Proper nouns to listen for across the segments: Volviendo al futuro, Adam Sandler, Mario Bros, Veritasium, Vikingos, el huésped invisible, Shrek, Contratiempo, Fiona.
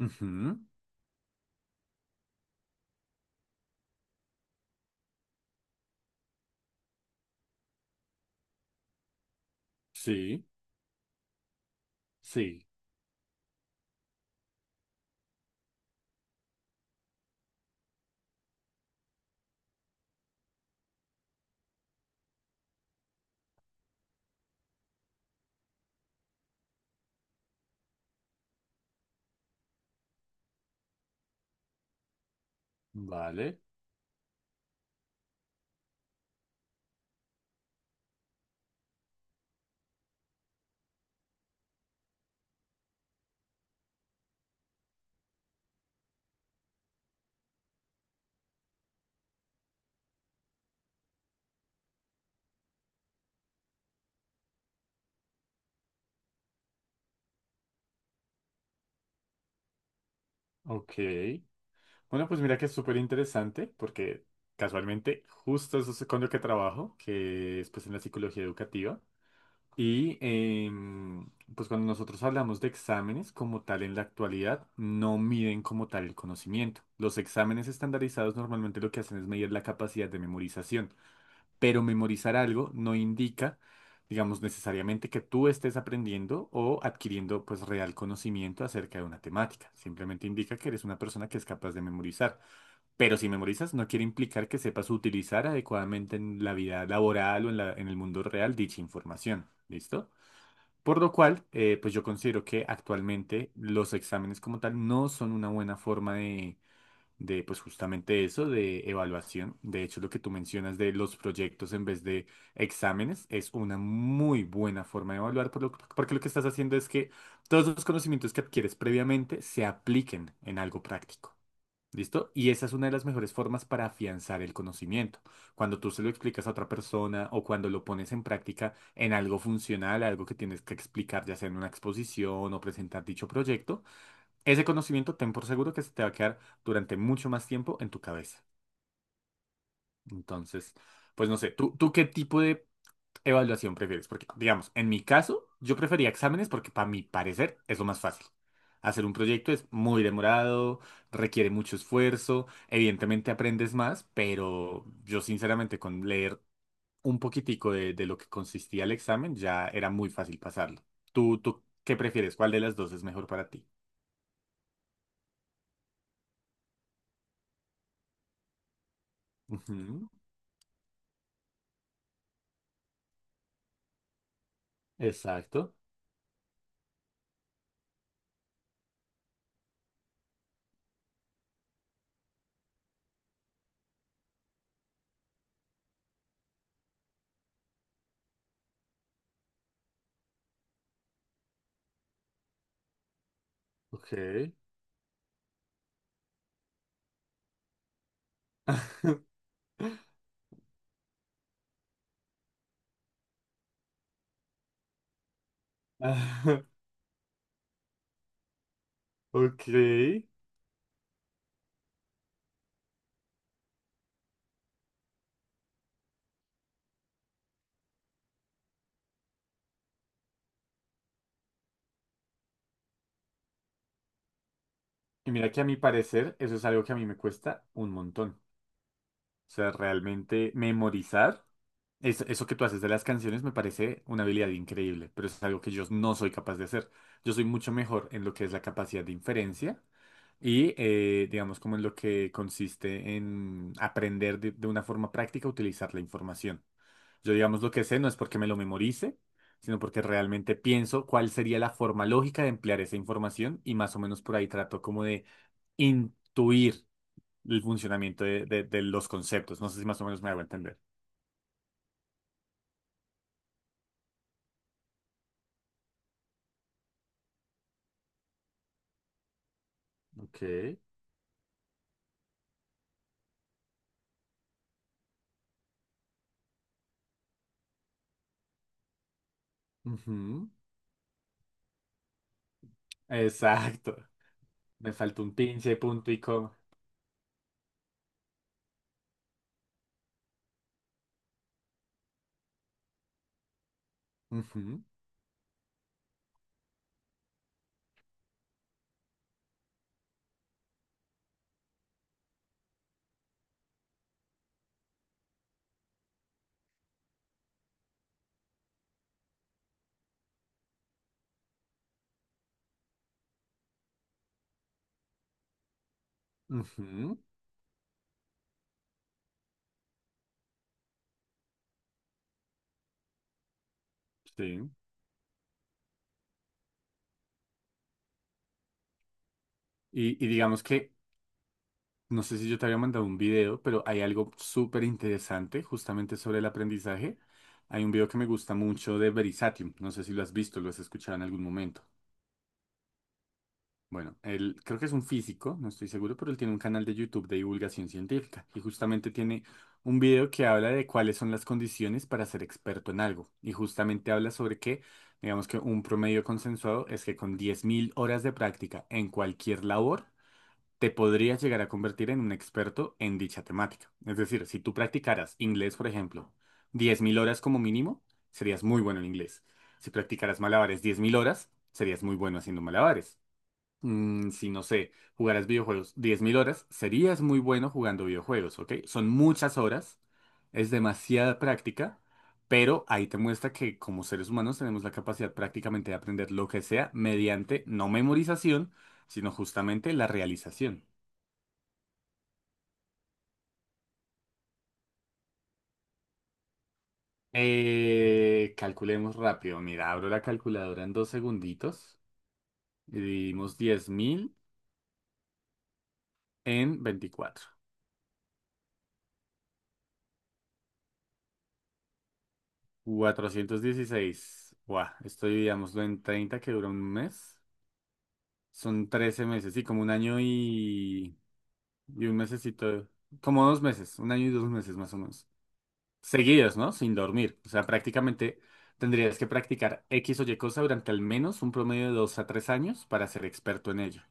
Ujú, sí, sí, vale, ok. Bueno, pues mira que es súper interesante porque casualmente justo eso es con lo que trabajo, que es pues en la psicología educativa. Y em, pues cuando nosotros hablamos de exámenes como tal en la actualidad, no miden como tal el conocimiento. Los exámenes estandarizados normalmente lo que hacen es medir la capacidad de memorización. Pero memorizar algo no indica, digamos, necesariamente que tú estés aprendiendo o adquiriendo pues real conocimiento acerca de una temática. Simplemente indica que eres una persona que es capaz de memorizar. Pero si memorizas, no quiere implicar que sepas utilizar adecuadamente en la vida laboral o en el mundo real dicha información. ¿Listo? Por lo cual, pues yo considero que actualmente los exámenes como tal no son una buena forma de, pues, justamente eso, de evaluación. De hecho, lo que tú mencionas de los proyectos en vez de exámenes es una muy buena forma de evaluar, porque lo que estás haciendo es que todos los conocimientos que adquieres previamente se apliquen en algo práctico. ¿Listo? Y esa es una de las mejores formas para afianzar el conocimiento. Cuando tú se lo explicas a otra persona o cuando lo pones en práctica en algo funcional, algo que tienes que explicar, ya sea en una exposición o presentar dicho proyecto, ese conocimiento ten por seguro que se te va a quedar durante mucho más tiempo en tu cabeza. Entonces, pues no sé, ¿tú qué tipo de evaluación prefieres? Porque, digamos, en mi caso, yo prefería exámenes porque para mi parecer es lo más fácil. Hacer un proyecto es muy demorado, requiere mucho esfuerzo, evidentemente aprendes más, pero yo sinceramente con leer un poquitico de lo que consistía el examen ya era muy fácil pasarlo. ¿Tú qué prefieres? ¿Cuál de las dos es mejor para ti? Ujú, exacto. Ok. Ah, ok. Y mira que a mi parecer eso es algo que a mí me cuesta un montón. O sea, realmente memorizar, eso que tú haces de las canciones me parece una habilidad increíble, pero es algo que yo no soy capaz de hacer. Yo soy mucho mejor en lo que es la capacidad de inferencia. Y digamos como en lo que consiste en aprender de una forma práctica a utilizar la información. Yo, digamos, lo que sé no es porque me lo memorice, sino porque realmente pienso cuál sería la forma lógica de emplear esa información y más o menos por ahí trato como de intuir el funcionamiento de, de los conceptos. No sé si más o menos me hago entender. Ok. Ujú. Exacto. Me faltó un pinche punto y coma. Ujú, ujú, sí. Y digamos que no sé si yo te había mandado un video, pero hay algo súper interesante justamente sobre el aprendizaje. Hay un video que me gusta mucho de Verisatium. No sé si lo has visto, lo has escuchado en algún momento. Bueno, él creo que es un físico, no estoy seguro, pero él tiene un canal de YouTube de divulgación científica y justamente tiene un video que habla de cuáles son las condiciones para ser experto en algo. Y justamente habla sobre que, digamos, que un promedio consensuado es que con 10.000 horas de práctica en cualquier labor, te podrías llegar a convertir en un experto en dicha temática. Es decir, si tú practicaras inglés, por ejemplo, 10.000 horas como mínimo, serías muy bueno en inglés. Si practicaras malabares 10.000 horas, serías muy bueno haciendo malabares. Si no sé, jugaras videojuegos 10.000 horas, serías muy bueno jugando videojuegos, ¿ok? Son muchas horas, es demasiada práctica, pero ahí te muestra que como seres humanos tenemos la capacidad prácticamente de aprender lo que sea mediante no memorización, sino justamente la realización. Calculemos rápido. Mira, abro la calculadora en dos segunditos y dividimos 10.000 en 24. 416. Buah, esto dividámoslo en 30 que dura un mes. Son 13 meses, sí, como un año y un mesecito. Como 2 meses, un año y 2 meses más o menos. Seguidos, ¿no? Sin dormir. O sea, prácticamente tendrías que practicar X o Y cosa durante al menos un promedio de 2 a 3 años para ser experto en ello.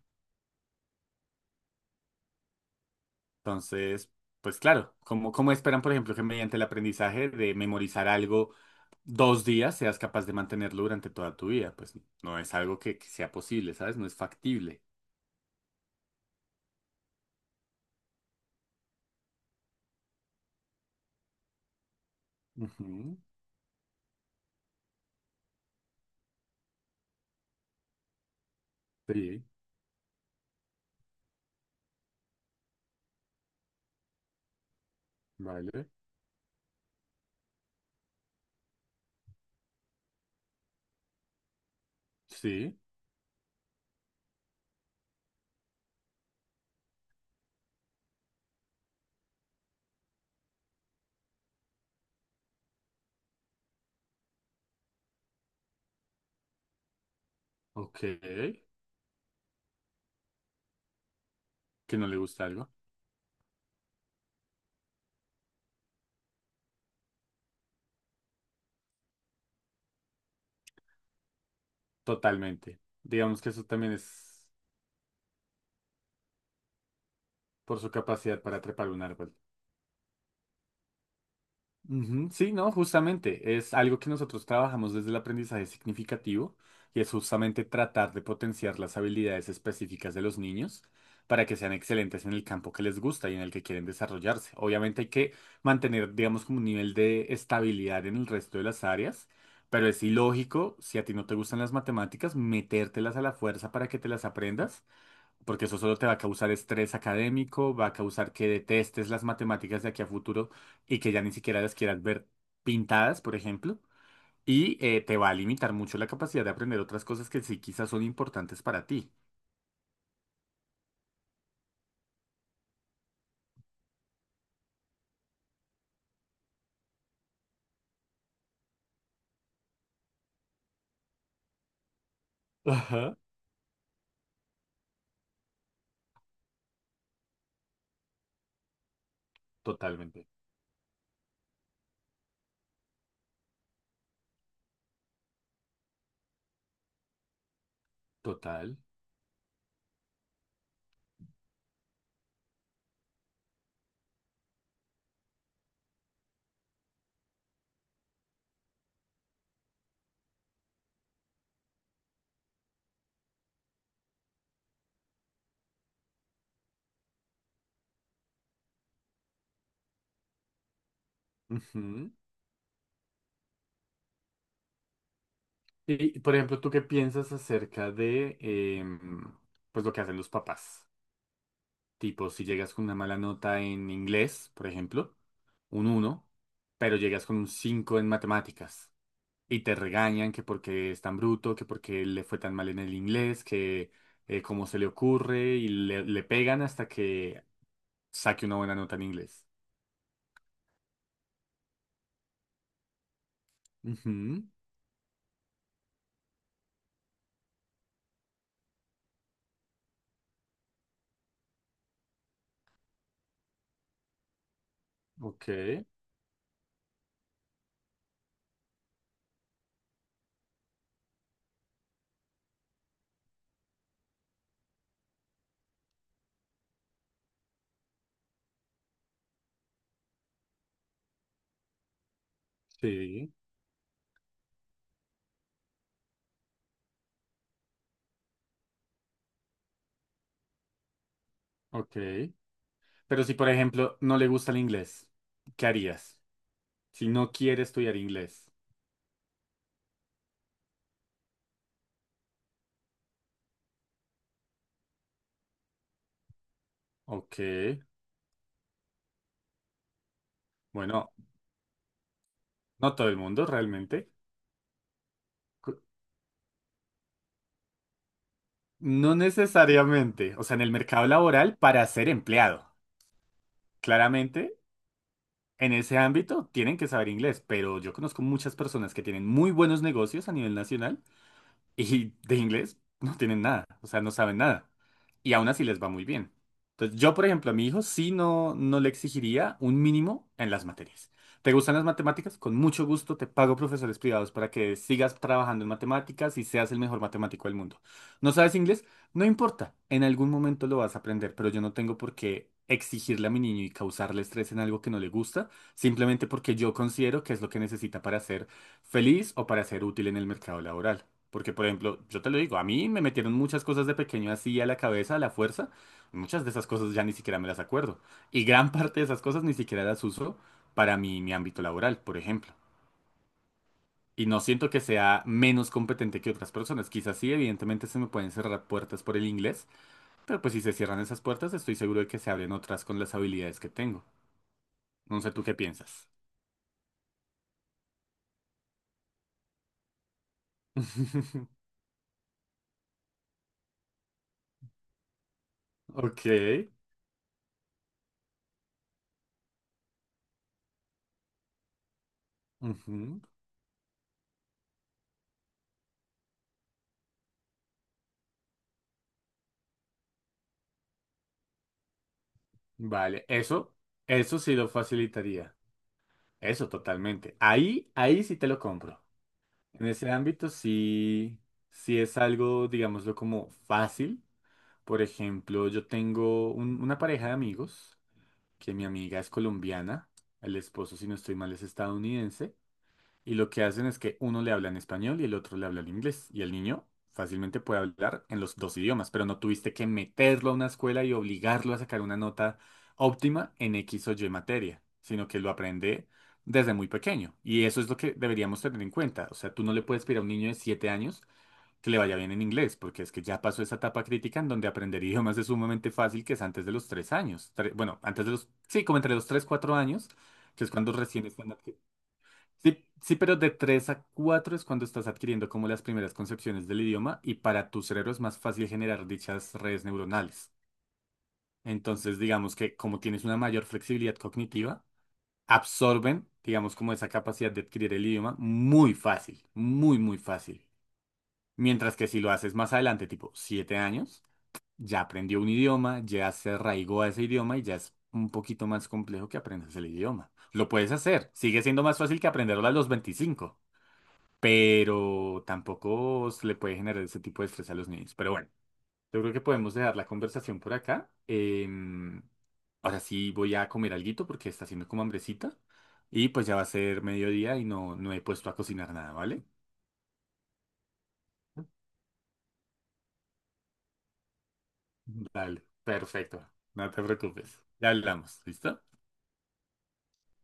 Entonces, pues claro, ¿cómo esperan, por ejemplo, que mediante el aprendizaje de memorizar algo 2 días seas capaz de mantenerlo durante toda tu vida? Pues no es algo que sea posible, ¿sabes? No es factible. Ujú, sí, vale. Sí, ok. Que no le gusta algo. Totalmente. Digamos que eso también es por su capacidad para trepar un árbol. Ujú, sí, no, justamente es algo que nosotros trabajamos desde el aprendizaje significativo y es justamente tratar de potenciar las habilidades específicas de los niños para que sean excelentes en el campo que les gusta y en el que quieren desarrollarse. Obviamente hay que mantener, digamos, como un nivel de estabilidad en el resto de las áreas, pero es ilógico, si a ti no te gustan las matemáticas, metértelas a la fuerza para que te las aprendas porque eso solo te va a causar estrés académico, va a causar que detestes las matemáticas de aquí a futuro y que ya ni siquiera las quieras ver pintadas, por ejemplo, y te va a limitar mucho la capacidad de aprender otras cosas que sí quizás son importantes para ti. Ajá. Totalmente. Total. Ujú. Y, por ejemplo, ¿tú qué piensas acerca de em, pues lo que hacen los papás? Tipo, si llegas con una mala nota en inglés, por ejemplo, un uno, pero llegas con un 5 en matemáticas, y te regañan que porque es tan bruto, que porque le fue tan mal en el inglés, que cómo se le ocurre y le pegan hasta que saque una buena nota en inglés. Ujú, ok, sí, ok. Pero si, por ejemplo, no le gusta el inglés, ¿qué harías? Si no quiere estudiar inglés. Ok, bueno, no todo el mundo realmente. Cu- No necesariamente. O sea, en el mercado laboral para ser empleado. Claramente. En ese ámbito tienen que saber inglés, pero yo conozco muchas personas que tienen muy buenos negocios a nivel nacional y de inglés no tienen nada, o sea, no saben nada. Y aún así les va muy bien. Entonces, yo, por ejemplo, a mi hijo sí no le exigiría un mínimo en las materias. ¿Te gustan las matemáticas? Con mucho gusto te pago profesores privados para que sigas trabajando en matemáticas y seas el mejor matemático del mundo. ¿No sabes inglés? No importa, en algún momento lo vas a aprender, pero yo no tengo por qué exigirle a mi niño y causarle estrés en algo que no le gusta, simplemente porque yo considero que es lo que necesita para ser feliz o para ser útil en el mercado laboral. Porque, por ejemplo, yo te lo digo, a mí me metieron muchas cosas de pequeño así a la cabeza, a la fuerza. Muchas de esas cosas ya ni siquiera me las acuerdo. Y gran parte de esas cosas ni siquiera las uso para mi ámbito laboral, por ejemplo. Y no siento que sea menos competente que otras personas. Quizás sí, evidentemente se me pueden cerrar puertas por el inglés, pero pues si se cierran esas puertas, estoy seguro de que se abren otras con las habilidades que tengo. No sé tú qué piensas. Ok. Ujú. Vale, eso sí lo facilitaría. Eso totalmente. Ahí, ahí sí te lo compro. En ese ámbito sí, sí es algo, digámoslo, como fácil. Por ejemplo, yo tengo una pareja de amigos, que mi amiga es colombiana, el esposo, si no estoy mal, es estadounidense. Y lo que hacen es que uno le habla en español y el otro le habla en inglés. Y el niño fácilmente puede hablar en los dos idiomas, pero no tuviste que meterlo a una escuela y obligarlo a sacar una nota óptima en X o Y materia, sino que lo aprende desde muy pequeño. Y eso es lo que deberíamos tener en cuenta. O sea, tú no le puedes pedir a un niño de 7 años que le vaya bien en inglés, porque es que ya pasó esa etapa crítica en donde aprender idiomas es sumamente fácil, que es antes de los 3 años. Bueno, antes de los... Sí, como entre los 3 4 años, que es cuando recién están... Sí, sí, pero de 3 a 4 es cuando estás adquiriendo como las primeras concepciones del idioma y para tu cerebro es más fácil generar dichas redes neuronales. Entonces, digamos que como tienes una mayor flexibilidad cognitiva, absorben, digamos, como esa capacidad de adquirir el idioma muy fácil, muy, muy fácil. Mientras que si lo haces más adelante, tipo 7 años, ya aprendió un idioma, ya se arraigó a ese idioma y ya es un poquito más complejo que aprendas el idioma. Lo puedes hacer, sigue siendo más fácil que aprenderlo a los 25, pero tampoco se le puede generar ese tipo de estrés a los niños. Pero bueno, yo creo que podemos dejar la conversación por acá. Ahora sí voy a comer alguito porque está haciendo como hambrecita. Y pues ya va a ser mediodía y no he puesto a cocinar nada, ¿vale? Dale, perfecto. No te preocupes. Ya hablamos, ¿listo?